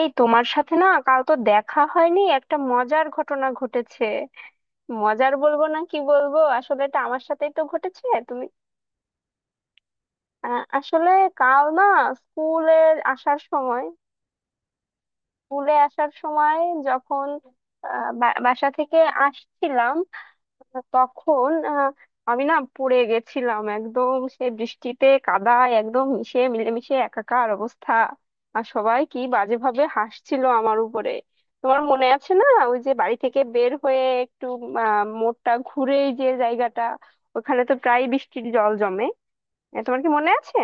এই তোমার সাথে না কাল তো দেখা হয়নি, একটা মজার ঘটনা ঘটেছে। মজার বলবো না কি বলবো, আসলে এটা আমার সাথেই তো ঘটেছে। তুমি আসলে কাল না স্কুলে আসার সময়, স্কুলে আসার সময় যখন বাসা থেকে আসছিলাম, তখন আমি না পড়ে গেছিলাম, একদম সে বৃষ্টিতে কাদায় একদম মিশে মিলেমিশে একাকার অবস্থা। আর সবাই কি বাজেভাবে হাসছিল আমার উপরে। তোমার মনে আছে না, ওই যে বাড়ি থেকে বের হয়ে একটু মোড়টা ঘুরেই যে জায়গাটা, ওখানে তো প্রায় বৃষ্টির জল জমে। তোমার কি মনে আছে?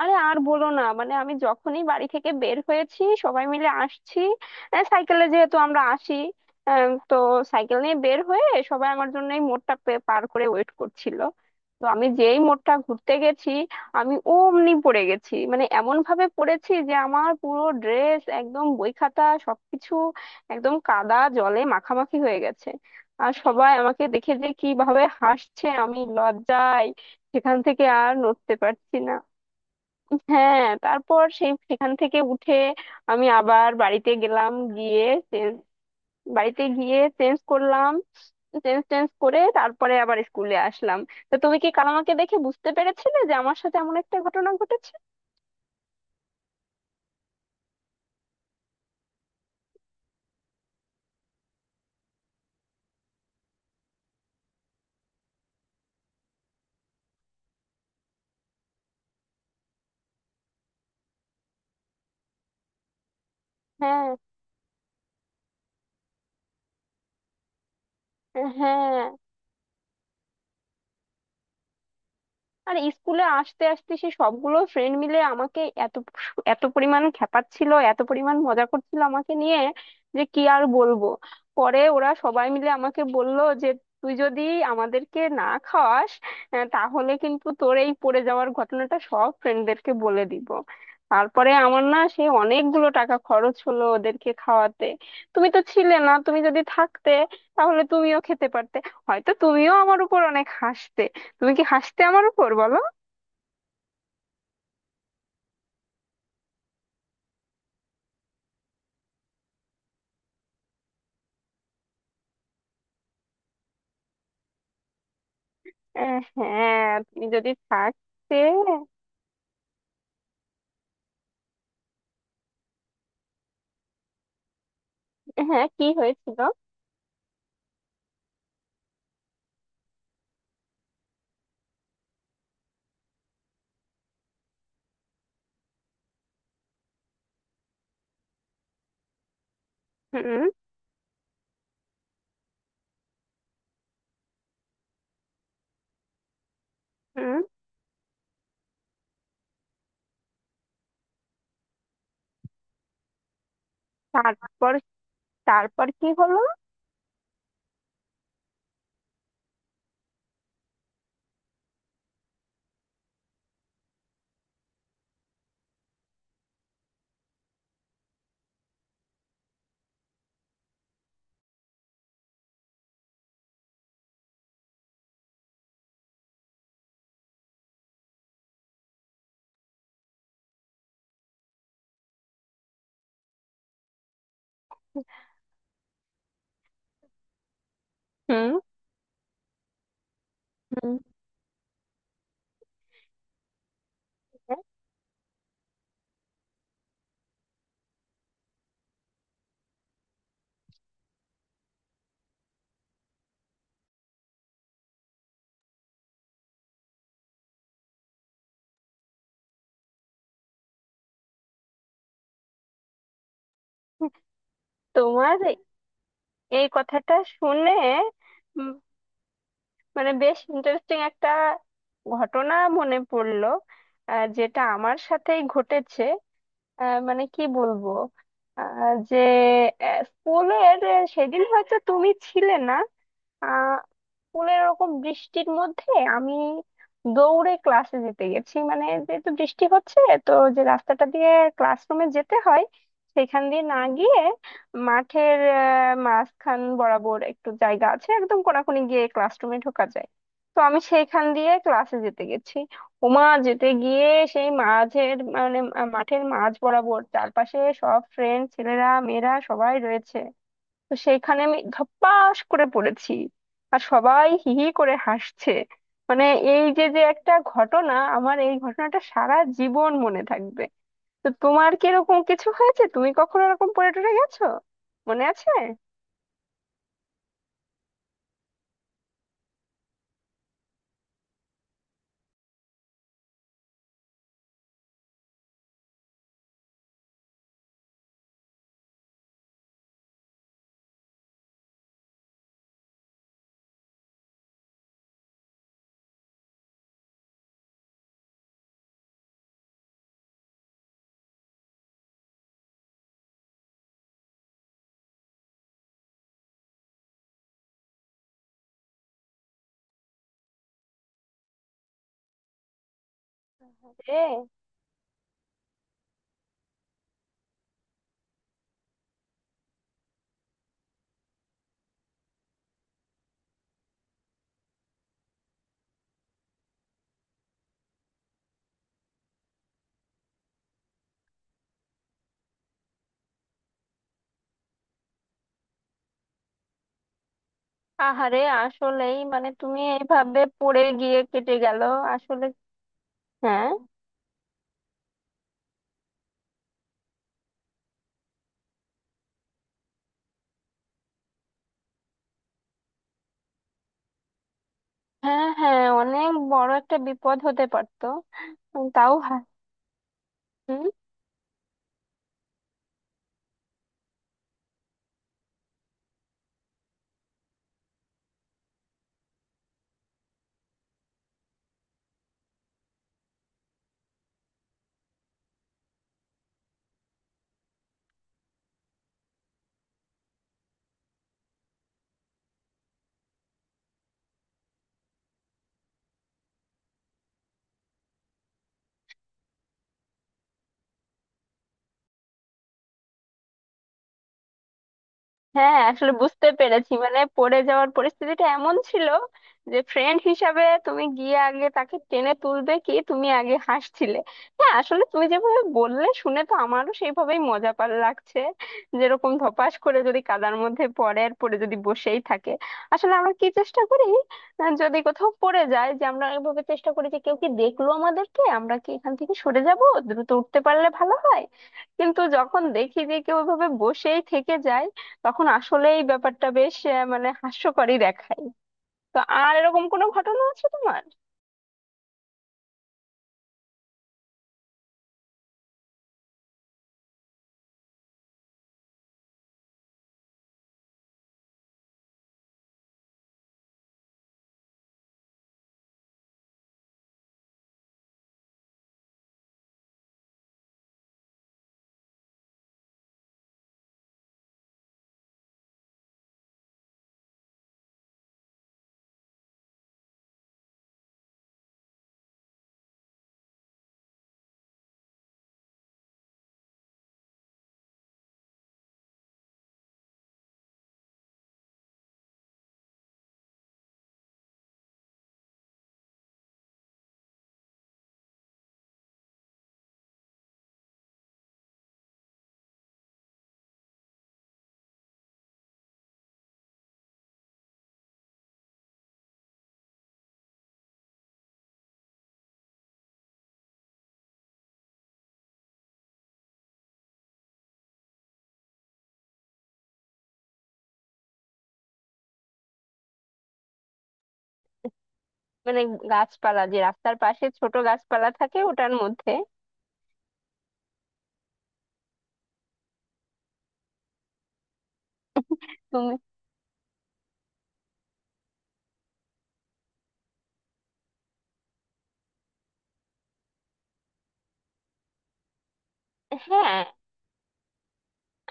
আরে আর বলো না, মানে আমি যখনই বাড়ি থেকে বের হয়েছি, সবাই মিলে আসছি, সাইকেলে যেহেতু আমরা আসি, তো সাইকেল নিয়ে বের হয়ে, সবাই আমার জন্য এই পার করে ওয়েট করছিল। তো আমি যেই মোড়টা ঘুরতে গেছি, আমি অমনি পড়ে গেছি, মানে এমন ভাবে পড়েছি যে আমার পুরো ড্রেস একদম, বই খাতা সবকিছু একদম কাদা জলে মাখামাখি হয়ে গেছে। আর সবাই আমাকে দেখে যে কিভাবে হাসছে, আমি লজ্জায় সেখান থেকে আর নড়তে পারছি না। হ্যাঁ, তারপর সেখান থেকে উঠে আমি আবার বাড়িতে গেলাম, গিয়ে চেঞ্জ, বাড়িতে গিয়ে চেঞ্জ করলাম, চেঞ্জ টেঞ্জ করে তারপরে আবার স্কুলে আসলাম। তো তুমি কি কাল আমাকে দেখে বুঝতে পেরেছিলে যে আমার সাথে এমন একটা ঘটনা ঘটেছে? হ্যাঁ। হ্যাঁ। আর স্কুলে আসতে আসতে সে সবগুলো ফ্রেন্ড মিলে আমাকে এত এত পরিমাণ খেপাচ্ছিল, এত পরিমাণ মজা করছিল আমাকে নিয়ে যে কি আর বলবো। পরে ওরা সবাই মিলে আমাকে বলল যে, তুই যদি আমাদেরকে না খাওয়াস, তাহলে কিন্তু তোর এই পড়ে যাওয়ার ঘটনাটা সব ফ্রেন্ডদেরকে বলে দিব। তারপরে আমার না সে অনেকগুলো টাকা খরচ হলো ওদেরকে খাওয়াতে। তুমি তো ছিলে না, তুমি যদি থাকতে তাহলে তুমিও খেতে পারতে, হয়তো তুমিও আমার উপর অনেক হাসতে। তুমি কি হাসতে আমার উপর, বলো? হ্যাঁ, তুমি যদি থাকতে। হ্যাঁ, কি হয়েছিল? হুম। হুম, তারপর? তারপর কি হলো? হুম। হুম, হ্যাঁ, তোমার এই কথাটা শুনে উম, মানে বেশ ইন্টারেস্টিং একটা ঘটনা মনে পড়লো, যেটা আমার সাথেই ঘটেছে। আহ, মানে কি বলবো আহ, যে আহ, স্কুলের সেদিন হয়তো তুমি ছিলে না। আহ স্কুলের ওরকম বৃষ্টির মধ্যে আমি দৌড়ে ক্লাসে যেতে গেছি, মানে যেহেতু বৃষ্টি হচ্ছে, তো যে রাস্তাটা দিয়ে ক্লাসরুমে যেতে হয় সেখান দিয়ে না গিয়ে মাঠের মাঝখান বরাবর একটু জায়গা আছে, একদম কোনাকুনি গিয়ে ক্লাসরুমে ঢোকা যায়। তো আমি সেইখান দিয়ে ক্লাসে যেতে গেছি, ওমা যেতে গিয়ে সেই মাঝের মাঠের মাঝ বরাবর চারপাশে সব ফ্রেন্ড, ছেলেরা মেয়েরা সবাই রয়েছে। তো সেইখানে আমি ধপাস করে পড়েছি, আর সবাই হি হি করে হাসছে। মানে এই যে যে একটা ঘটনা, আমার এই ঘটনাটা সারা জীবন মনে থাকবে। তো তোমার কি এরকম কিছু হয়েছে? তুমি কখনো এরকম পড়ে টরে গেছো, মনে আছে? রে, আহারে, আসলেই মানে তুমি এইভাবে পড়ে গিয়ে কেটে গেল। আসলে হ্যাঁ। হ্যাঁ। হ্যাঁ, অনেক বড় একটা বিপদ হতে পারতো। তাও, হ্যাঁ। হ্যাঁ, আসলে বুঝতে পেরেছি, মানে পড়ে যাওয়ার পরিস্থিতিটা এমন ছিল যে ফ্রেন্ড হিসাবে তুমি গিয়ে আগে তাকে টেনে তুলবে কি, তুমি আগে হাসছিলে। হ্যাঁ, আসলে তুমি যেভাবে বললে শুনে তো আমারও সেইভাবেই মজা পার লাগছে। যেরকম ধপাস করে যদি কাদার মধ্যে পড়ে আর পড়ে যদি বসেই থাকে, আসলে আমরা কি চেষ্টা করি, যদি কোথাও পড়ে যায়, যে আমরা এভাবে চেষ্টা করি যে কেউ কি দেখলো আমাদেরকে, আমরা কি এখান থেকে সরে যাব, দ্রুত উঠতে পারলে ভালো হয়। কিন্তু যখন দেখি যে কেউ এভাবে বসেই থেকে যায়, তখন আসলেই ব্যাপারটা বেশ মানে হাস্যকরই দেখায়। তো আর এরকম কোনো ঘটনা আছে তোমার? মানে গাছপালা, যে রাস্তার পাশে ছোট গাছপালা থাকে, ওটার মধ্যে? তুমি, হ্যাঁ,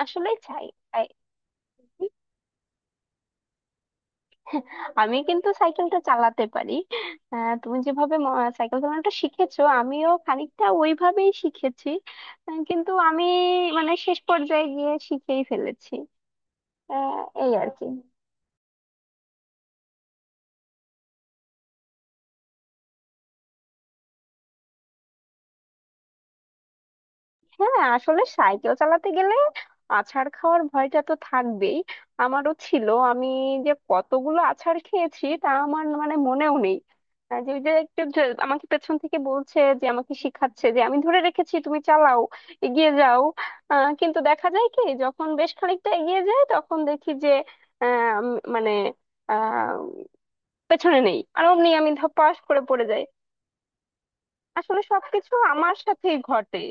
আসলেই চাই। চাই। আমি কিন্তু সাইকেলটা চালাতে পারি। আহ, তুমি যেভাবে সাইকেল চালানোটা শিখেছো, আমিও খানিকটা ওইভাবেই শিখেছি। কিন্তু আমি মানে শেষ পর্যায়ে গিয়ে শিখেই ফেলেছি। আহ, এই আর কি। হ্যাঁ, আসলে সাইকেল চালাতে গেলে আছাড় খাওয়ার ভয়টা তো থাকবেই, আমারও ছিল। আমি যে কতগুলো আছাড় খেয়েছি তা আমার মানে মনেও নেই। যে ওই যে একটু যে- আমাকে পেছন থেকে বলছে, যে আমাকে শিখাচ্ছে যে আমি ধরে রেখেছি, তুমি চালাও, এগিয়ে যাও। কিন্তু দেখা যায় কি, যখন বেশ খানিকটা এগিয়ে যায় তখন দেখি যে আহ, উম, মানে আহ, পেছনে নেই, আর অমনি আমি ধপাস করে পড়ে যাই। আসলে সবকিছু আমার সাথেই ঘটে।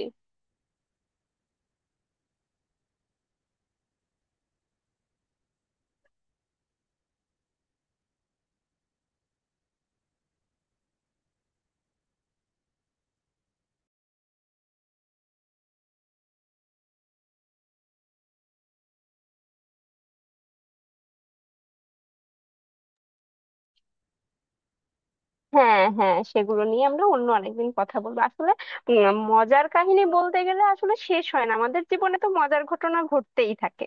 হ্যাঁ, হ্যাঁ, সেগুলো নিয়ে আমরা অন্য আরেকদিন কথা বলবো। আসলে মজার কাহিনী বলতে গেলে আসলে শেষ হয় না, আমাদের জীবনে তো মজার ঘটনা ঘটতেই থাকে।